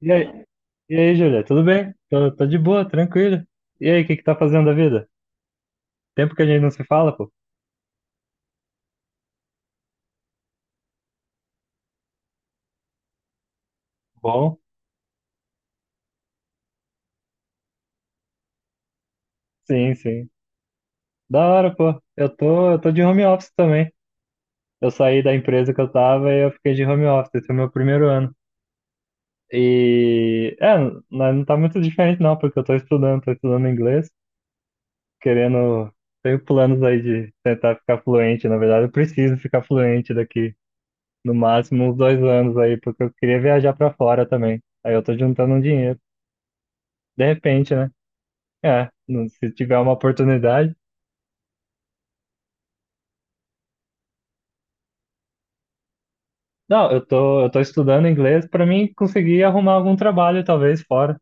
E aí, e aí, Júlia, tudo bem? Tô de boa, tranquilo. E aí, o que que tá fazendo da vida? Tempo que a gente não se fala, pô. Bom, sim, sim. Da hora, pô. Eu tô de home office também. Eu saí da empresa que eu tava e eu fiquei de home office. Esse é o meu primeiro ano. E, é, não não tá muito diferente não, porque eu tô estudando inglês, querendo, tenho planos aí de tentar ficar fluente. Na verdade, eu preciso ficar fluente daqui no máximo uns 2 anos aí, porque eu queria viajar pra fora também. Aí eu tô juntando um dinheiro. De repente, né? É, se tiver uma oportunidade. Não, eu tô estudando inglês pra mim conseguir arrumar algum trabalho, talvez, fora.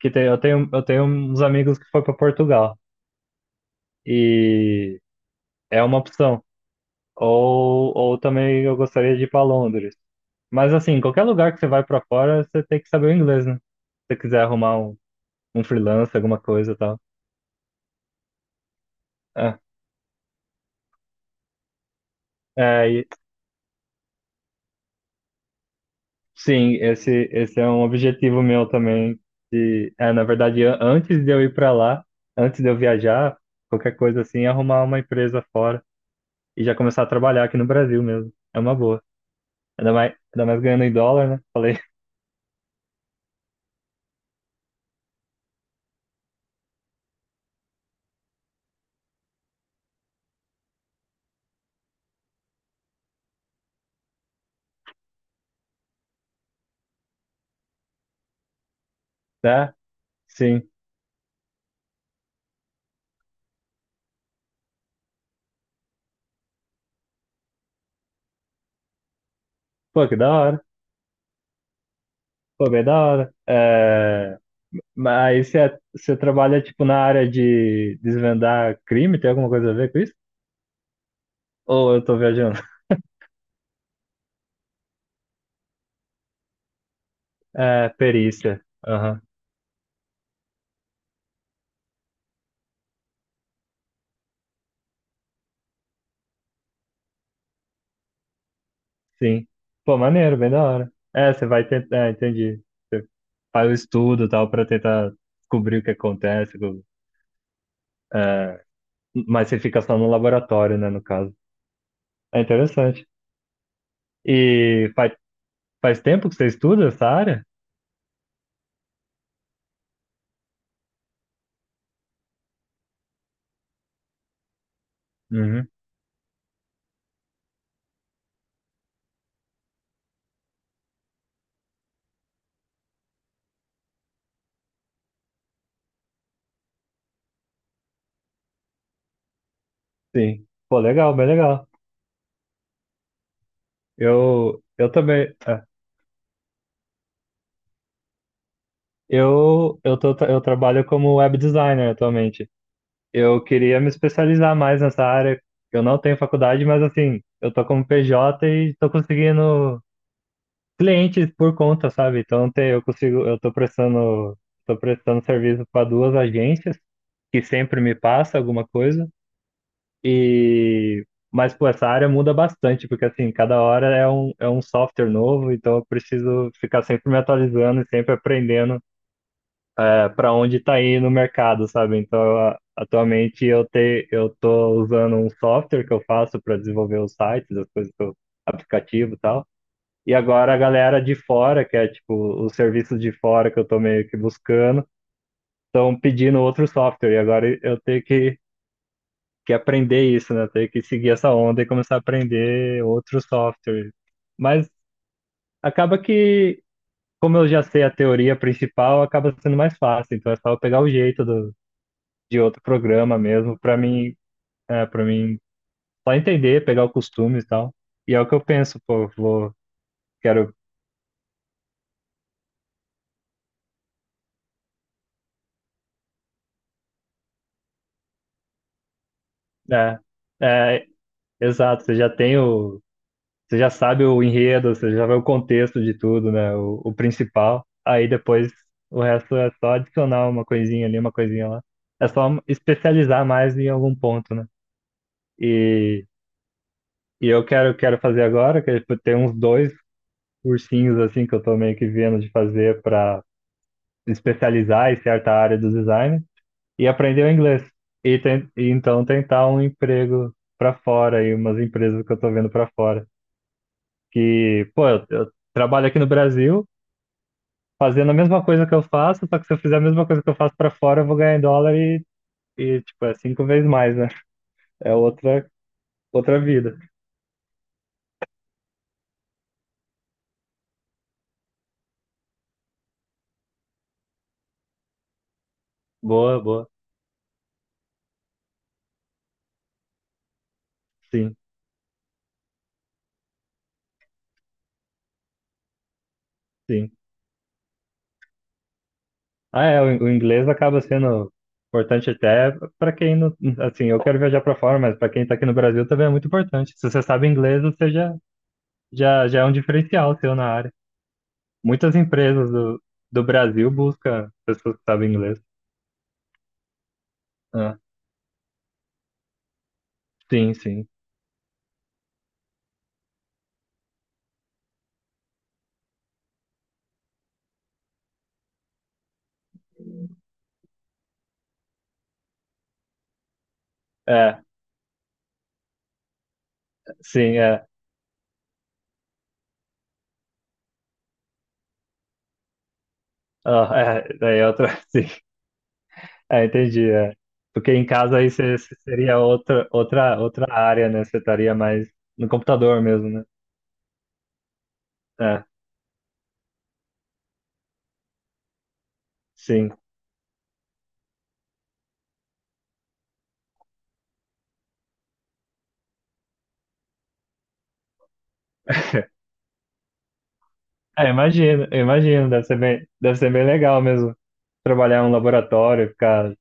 Que tem, eu tenho uns amigos que foram pra Portugal. E é uma opção. Ou também eu gostaria de ir pra Londres. Mas assim, qualquer lugar que você vai pra fora, você tem que saber o inglês, né? Se você quiser arrumar um freelancer, alguma coisa e tal. É. É, sim, esse é um objetivo meu também. Na verdade, antes de eu ir para lá, antes de eu viajar, qualquer coisa assim, arrumar uma empresa fora e já começar a trabalhar aqui no Brasil mesmo. É uma boa. Ainda mais ganhando em dólar, né? Falei, tá? Sim. Pô, que da hora. Pô, bem da hora. É, mas você trabalha, tipo, na área de desvendar crime? Tem alguma coisa a ver com isso? Ou eu tô viajando? É, perícia. Sim. Pô, maneiro, bem da hora. É, você vai tentar, entendi. Faz o estudo e tal pra tentar descobrir o que acontece. É, mas você fica só no laboratório, né, no caso. É interessante. E faz tempo que você estuda essa área? Uhum. Sim. Pô, legal, bem legal. Eu também, eu trabalho como web designer atualmente. Eu queria me especializar mais nessa área. Eu não tenho faculdade, mas assim, eu tô como PJ e tô conseguindo clientes por conta, sabe? Então tem, eu consigo, tô prestando serviço para duas agências que sempre me passa alguma coisa e mas pô, essa área muda bastante, porque assim, cada hora é um software novo, então eu preciso ficar sempre me atualizando e sempre aprendendo para onde está indo o mercado, sabe? Então, atualmente eu tô usando um software que eu faço para desenvolver os sites, as coisas que eu, aplicativo e tal. E agora a galera de fora, que é tipo os serviços de fora que eu tô meio que buscando, estão pedindo outro software. E agora eu tenho que aprender isso, né? Tenho que seguir essa onda e começar a aprender outro software. Mas acaba que, como eu já sei a teoria principal, acaba sendo mais fácil. Então é só eu pegar o jeito de outro programa mesmo, para mim só entender, pegar o costume e tal. E é o que eu penso, pô, quero. É, é, exato, você já sabe o enredo, você já vê o contexto de tudo, né? O principal. Aí depois o resto é só adicionar uma coisinha ali, uma coisinha lá. É só especializar mais em algum ponto, né? E, e eu quero fazer agora, que é, tipo, tem uns dois cursinhos assim que eu tô meio que vendo de fazer para especializar em certa área do design e aprender o inglês. E então tentar um emprego para fora e umas empresas que eu tô vendo para fora. Que, pô, eu trabalho aqui no Brasil fazendo a mesma coisa que eu faço, só que se eu fizer a mesma coisa que eu faço pra fora, eu vou ganhar em dólar e tipo, é cinco vezes mais, né? É outra vida. Boa, boa. Sim, sim. Ah, é, o inglês acaba sendo importante até pra quem não, assim, eu quero viajar pra fora, mas pra quem tá aqui no Brasil também é muito importante. Se você sabe inglês, você já é um diferencial seu na área. Muitas empresas do Brasil buscam pessoas que sabem inglês. Ah, sim, sim. É, sim, é. Ah, é, daí é outra, sim. Ah, entendi. É. Porque em casa aí você seria outra área, né? Você estaria mais no computador mesmo, né? É, sim. É, imagino, eu imagino. Deve ser bem legal mesmo trabalhar em um laboratório, ficar,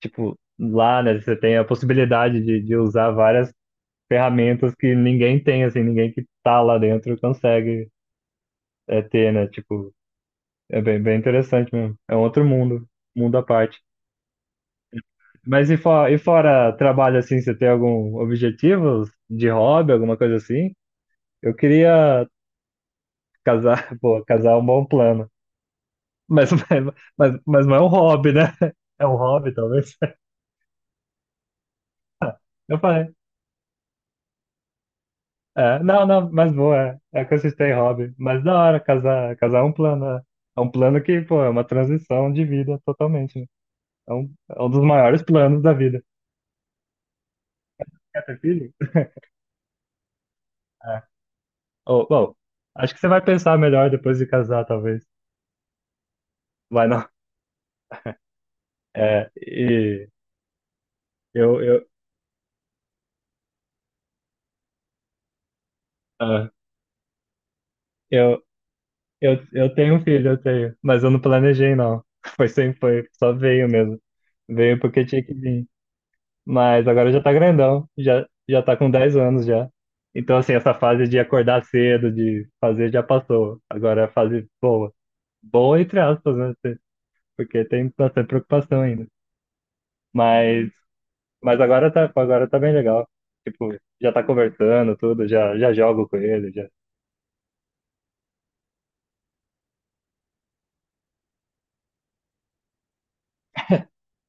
tipo, lá, né? Você tem a possibilidade de usar várias ferramentas que ninguém tem, assim, ninguém que tá lá dentro consegue ter, né? Tipo, é bem, bem interessante mesmo. É um outro mundo, mundo à parte. Mas e fora trabalho assim, você tem algum objetivo de hobby, alguma coisa assim? Eu queria casar, pô, casar é um bom plano. Mas, mas não é um hobby, né? É um hobby, talvez. Eu falei. É, não, não, mas boa, é consistente em hobby. Mas da hora, casar, casar é um plano. É, é um plano que, pô, é uma transição de vida totalmente, né? É um dos maiores planos da vida. Quer ter filho? É. Bom, acho que você vai pensar melhor depois de casar, talvez. Vai não. É. e eu, eu, ah, eu, eu, eu tenho um filho, eu tenho, mas eu não planejei, não. Foi sem, foi, Só veio mesmo. Veio porque tinha que vir. Mas agora já tá grandão, já, já tá com 10 anos já. Então, assim, essa fase de acordar cedo, de fazer, já passou. Agora é a fase boa. Boa, entre aspas, né? Porque tem bastante preocupação ainda. Mas, mas agora tá bem legal. Tipo, já tá conversando, tudo, já jogo com ele, já.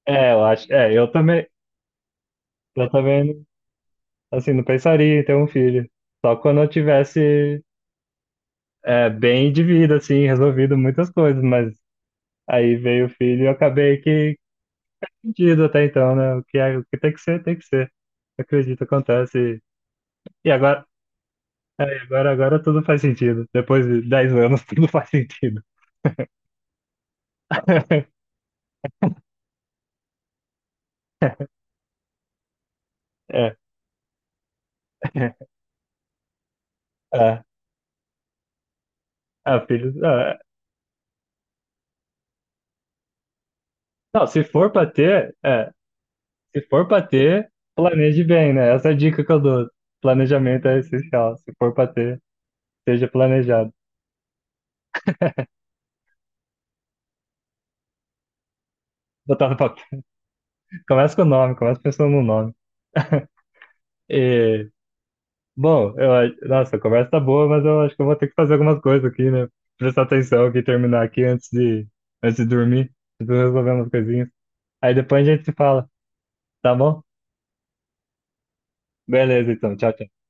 É, eu acho. É, eu também, assim, não pensaria em ter um filho. Só quando eu tivesse bem de vida, assim, resolvido muitas coisas, mas aí veio o filho e eu acabei que perdido até então, né? O que, o que tem que ser, tem que ser. Acredito, acontece. E agora, agora tudo faz sentido. Depois de 10 anos, tudo faz sentido. É, é, é, filho, é. Não, se for pra ter, se for pra ter, planeje bem, né? Essa é a dica que eu dou. Planejamento é essencial. Se for pra ter, seja planejado. Botar no papel. Começa com o nome, começa pensando no nome. E, bom, nossa, a conversa tá boa, mas eu acho que eu vou ter que fazer algumas coisas aqui, né? Prestar atenção aqui, terminar aqui antes de dormir. Preciso resolver umas coisinhas. Aí depois a gente se fala, tá bom? Beleza, então. Tchau, tchau.